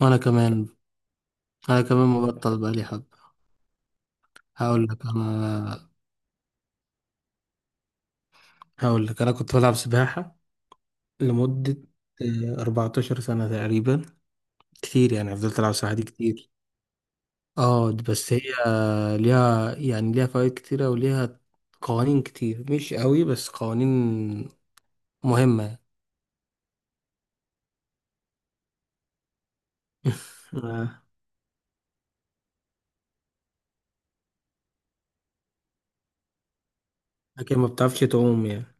وانا كمان مبطل بقى لي حبه. هقول لك انا هقول لك انا كنت بلعب سباحه لمده 14 سنه تقريبا. كتير، يعني فضلت العب سباحه دي كتير. اه بس هي ليها فوائد كتيره، وليها قوانين كتير مش قوي، بس قوانين مهمه. آه، لكن ما بتعرفش تعوم يعني؟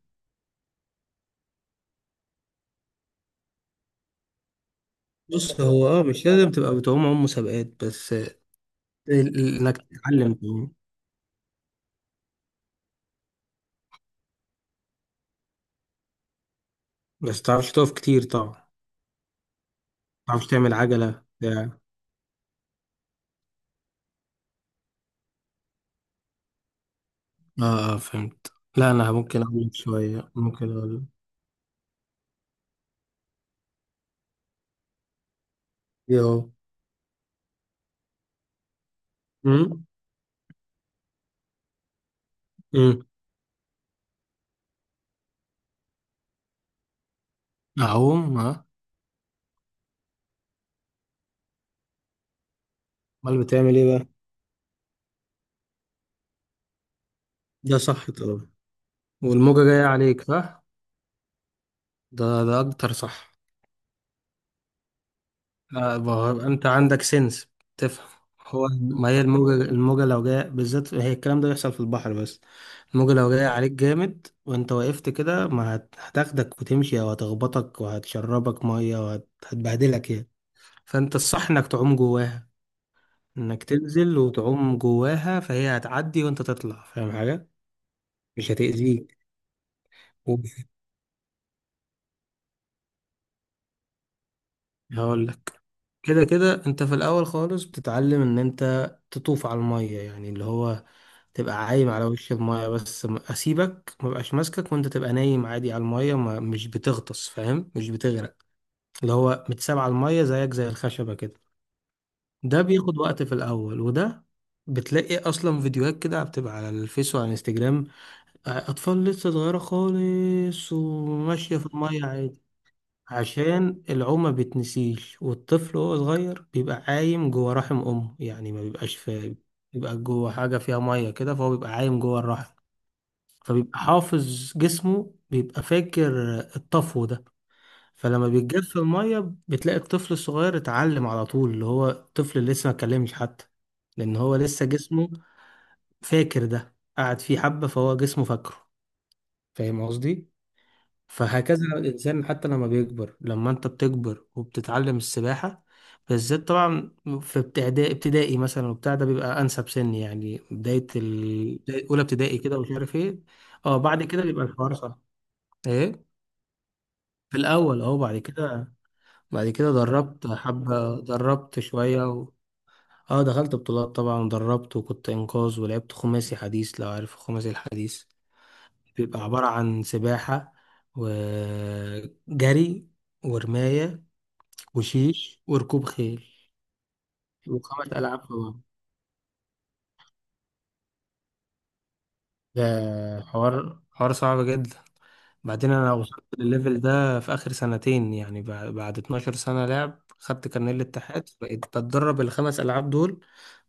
بص، هو مش لازم تبقى بتعوم عوم مسابقات بس. انك تتعلم تعوم بس، تعرفش تقف كتير طبعا، ما تعرفش تعمل عجله بتاع. اه، اه، فهمت. لا، انا ممكن اقول شويه، ممكن اقول، ايه اهو. امم امم اعوم، اه. امال بتعمل ايه بقى؟ ده صح طبعا، والموجه جايه عليك، صح. ده اكتر صح. لا بقى، انت عندك سنس، تفهم. هو ما هي الموجه لو جايه بالذات، هي الكلام ده بيحصل في البحر بس. الموجه لو جايه عليك جامد وانت وقفت كده، ما هتاخدك وتمشي، او هتخبطك وهتشربك ميه وهتبهدلك يعني. فانت الصح انك تعوم جواها، انك تنزل وتعوم جواها، فهي هتعدي وانت تطلع، فاهم حاجة؟ مش هتأذيك. ومش- هقول لك، كده كده انت في الاول خالص بتتعلم ان انت تطوف على المية، يعني اللي هو تبقى عايم على وش المية بس. اسيبك ما بقاش ماسكك، وانت تبقى نايم عادي على المية، ما مش بتغطس، فاهم، مش بتغرق. اللي هو متساب على المية زيك زي الخشبة كده. ده بياخد وقت في الاول. وده بتلاقي اصلا فيديوهات كده بتبقى على الفيس وعلى الانستجرام، أطفال لسه صغيرة خالص وماشية في المية عادي. عشان العومة بتنسيش، والطفل وهو صغير بيبقى عايم جوه رحم أمه، يعني ما بيبقاش بيبقى جوه حاجة فيها مية كده، فهو بيبقى عايم جوه الرحم. فبيبقى حافظ جسمه، بيبقى فاكر الطفو ده. فلما بيتجف المية، بتلاقي الطفل الصغير اتعلم على طول، اللي هو الطفل اللي لسه ما اتكلمش حتى، لأن هو لسه جسمه فاكر، ده قعد فيه حبة، فهو جسمه فاكره. فاهم قصدي؟ فهكذا الإنسان، حتى لما بيكبر، لما أنت بتكبر وبتتعلم السباحة بالذات طبعا، في ابتدائي مثلا وبتاع، ده بيبقى أنسب سن، يعني أولى ابتدائي كده ومش عارف إيه. أه، بعد كده بيبقى الحوار صعب. إيه؟ في الأول أهو، بعد كده. دربت حبة، دربت شوية و... أه، دخلت بطولات طبعا، دربت وكنت إنقاذ ولعبت خماسي حديث، لو عارف خماسي الحديث. بيبقى عبارة عن سباحة وجري ورماية وشيش وركوب خيل، وخمس ألعاب في بعض. ده حوار صعب جدا. بعدين أنا وصلت للليفل ده في آخر سنتين، يعني بعد 12 سنة لعب، خدت كارنيه الاتحاد بقيت بتدرب الخمس ألعاب دول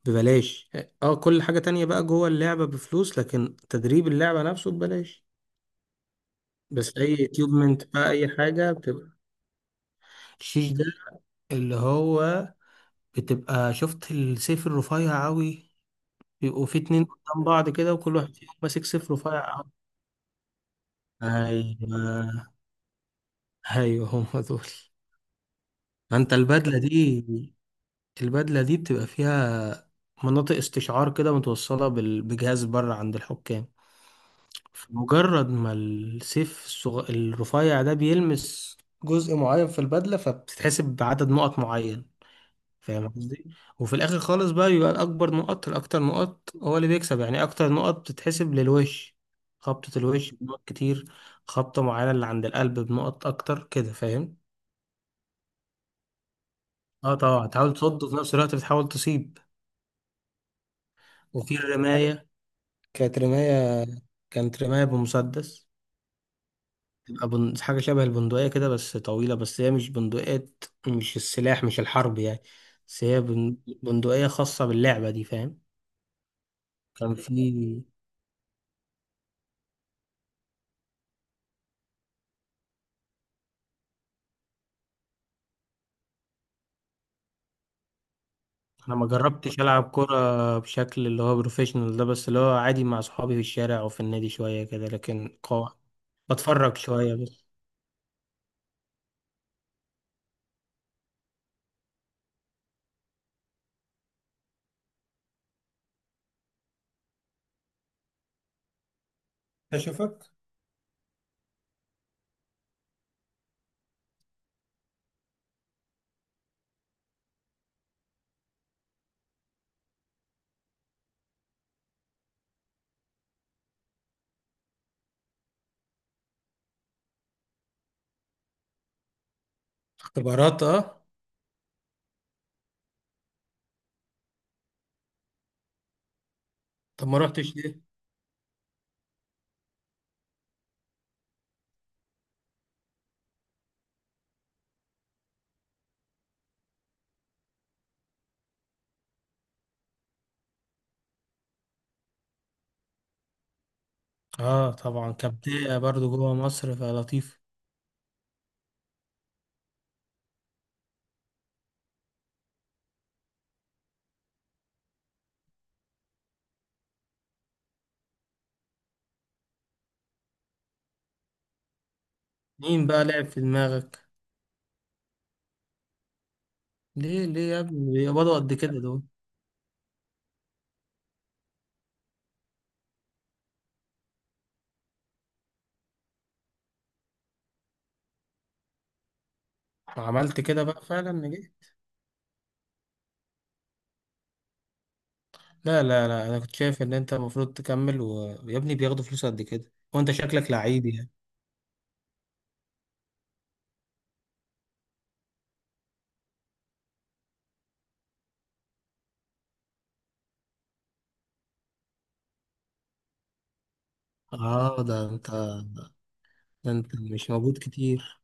ببلاش. اه، كل حاجة تانية بقى جوه اللعبة بفلوس، لكن تدريب اللعبة نفسه ببلاش. بس أي اكيوبمنت بقى، أي حاجة بتبقى. الشيش ده، اللي هو بتبقى، شفت السيف الرفيع أوي، بيبقوا في اتنين قدام بعض كده، وكل واحد فيهم ماسك صفر وفرق. ايوه، ايوه، هم دول. انت البدله دي بتبقى فيها مناطق استشعار كده متوصله بجهاز بره عند الحكام. مجرد ما السيف الرفيع ده بيلمس جزء معين في البدله، فبتتحسب بعدد نقط معين، فاهم قصدي؟ وفي الاخر خالص بقى، يبقى الاكبر نقط الاكتر نقط هو اللي بيكسب، يعني اكتر نقط بتتحسب للوش، خبطة الوش بنقط كتير، خبطة معينة اللي عند القلب بنقط اكتر كده، فاهم؟ اه طبعا، تحاول تصد، وفي نفس الوقت بتحاول تصيب. وفي الرماية، كانت رماية كانت رماية بمسدس. تبقى حاجة شبه البندقية كده بس طويلة، بس هي مش بندقية، مش السلاح، مش الحرب يعني، بس هي بندقية خاصة باللعبة دي، فاهم؟ كان في انا ما جربتش العب كرة بشكل اللي هو بروفيشنال ده، بس اللي هو عادي مع اصحابي في الشارع او في النادي شوية كده، لكن قوة بتفرج شوية بس. اشوفك. اختبارات، اه. طب ما رحتش ليه؟ اه طبعا، كبداية برضو جوه مصر فلطيف. مين بقى لعب في دماغك؟ ليه ليه يا ابني؟ بيقبضوا قد كده دول. عملت كده بقى فعلا، نجحت. لا لا لا، انا كنت شايف ان انت المفروض تكمل، ويا ابني بياخدوا فلوس قد كده وانت شكلك لعيب يعني. اه، ده انت مش موجود كتير،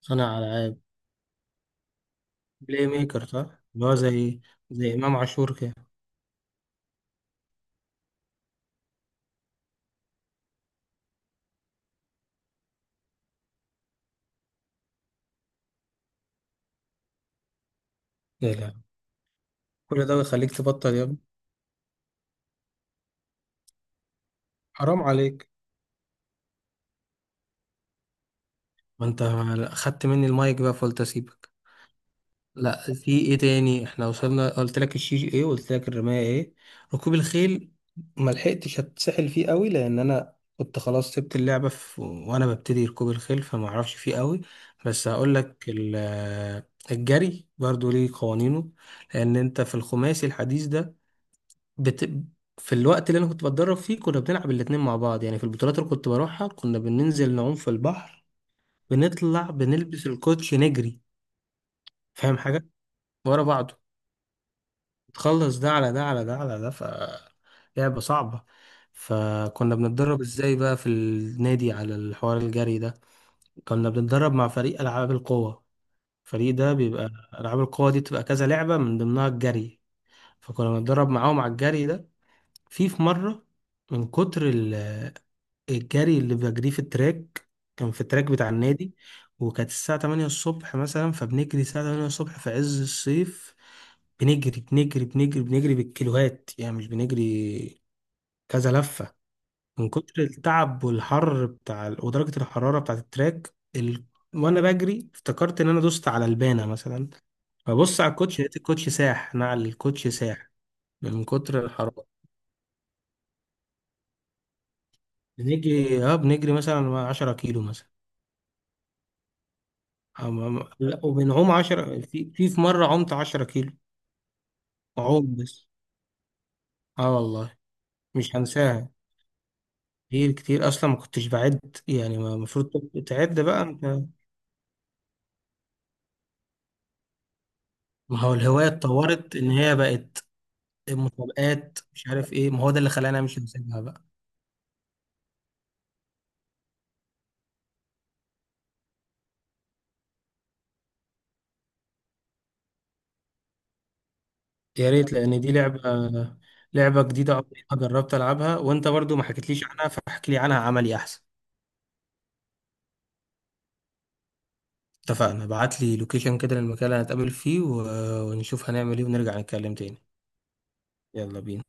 صانع ألعاب، بلاي ميكر، صح؟ اللي هو زي إمام عاشور كده. يا لا، كل ده بيخليك تبطل يا ابني. حرام عليك، ما أنت أخدت مني المايك بقى فقلت أسيبك. لا، في إيه تاني؟ إحنا وصلنا، قلت لك الشيش إيه، وقلت لك الرماية إيه. ركوب الخيل ما لحقتش أتسحل فيه قوي، لأن أنا كنت خلاص سبت اللعبة وأنا ببتدي ركوب الخيل، فما أعرفش فيه قوي. بس هقول لك الجري برضو ليه قوانينه، لأن أنت في الخماسي الحديث ده بت... في الوقت اللي انا كنت بتدرب فيه، كنا بنلعب الاتنين مع بعض، يعني في البطولات اللي كنت بروحها كنا بننزل نعوم في البحر، بنطلع بنلبس الكوتشي نجري، فاهم حاجة؟ ورا بعضه، تخلص ده على ده على ده على ده، ف لعبة صعبة. فكنا بنتدرب ازاي بقى في النادي على الحوار الجري ده؟ كنا بنتدرب مع فريق ألعاب القوة، الفريق ده بيبقى، ألعاب القوة دي بتبقى كذا لعبة، من ضمنها الجري، فكنا بنتدرب معاهم على الجري ده. في مرة، من كتر الجري اللي بجريه في التراك، كان في التراك بتاع النادي، وكانت الساعة 8 الصبح مثلا، فبنجري الساعة 8 الصبح في عز الصيف. بنجري بنجري بنجري بنجري بالكيلوهات، يعني مش بنجري كذا لفة. من كتر التعب والحر بتاع ودرجة الحرارة بتاعة التراك ال... وأنا بجري افتكرت إن أنا دوست على البانة مثلا، ببص على الكوتش، لقيت الكوتش ساح، نعل الكوتش ساح من كتر الحرارة. بنجري مثلا 10 كيلو. لا، وبنعوم 10، في مرة عمت 10 كيلو، عوم بس. اه والله، مش هنساها. كتير كتير اصلا، ما كنتش بعد يعني، ما المفروض تعد بقى انت. ما هو الهواية اتطورت ان هي بقت مسابقات، مش عارف ايه، ما هو ده اللي خلاني مش هسيبها بقى. يا ريت، لان دي لعبة جديدة، عمري ما جربت العبها، وانت برضو ما حكيتليش عنها، فاحكي لي عنها عملي احسن. اتفقنا، ابعت لي لوكيشن كده للمكان اللي هنتقابل فيه، ونشوف هنعمل ايه، ونرجع نتكلم تاني. يلا بينا.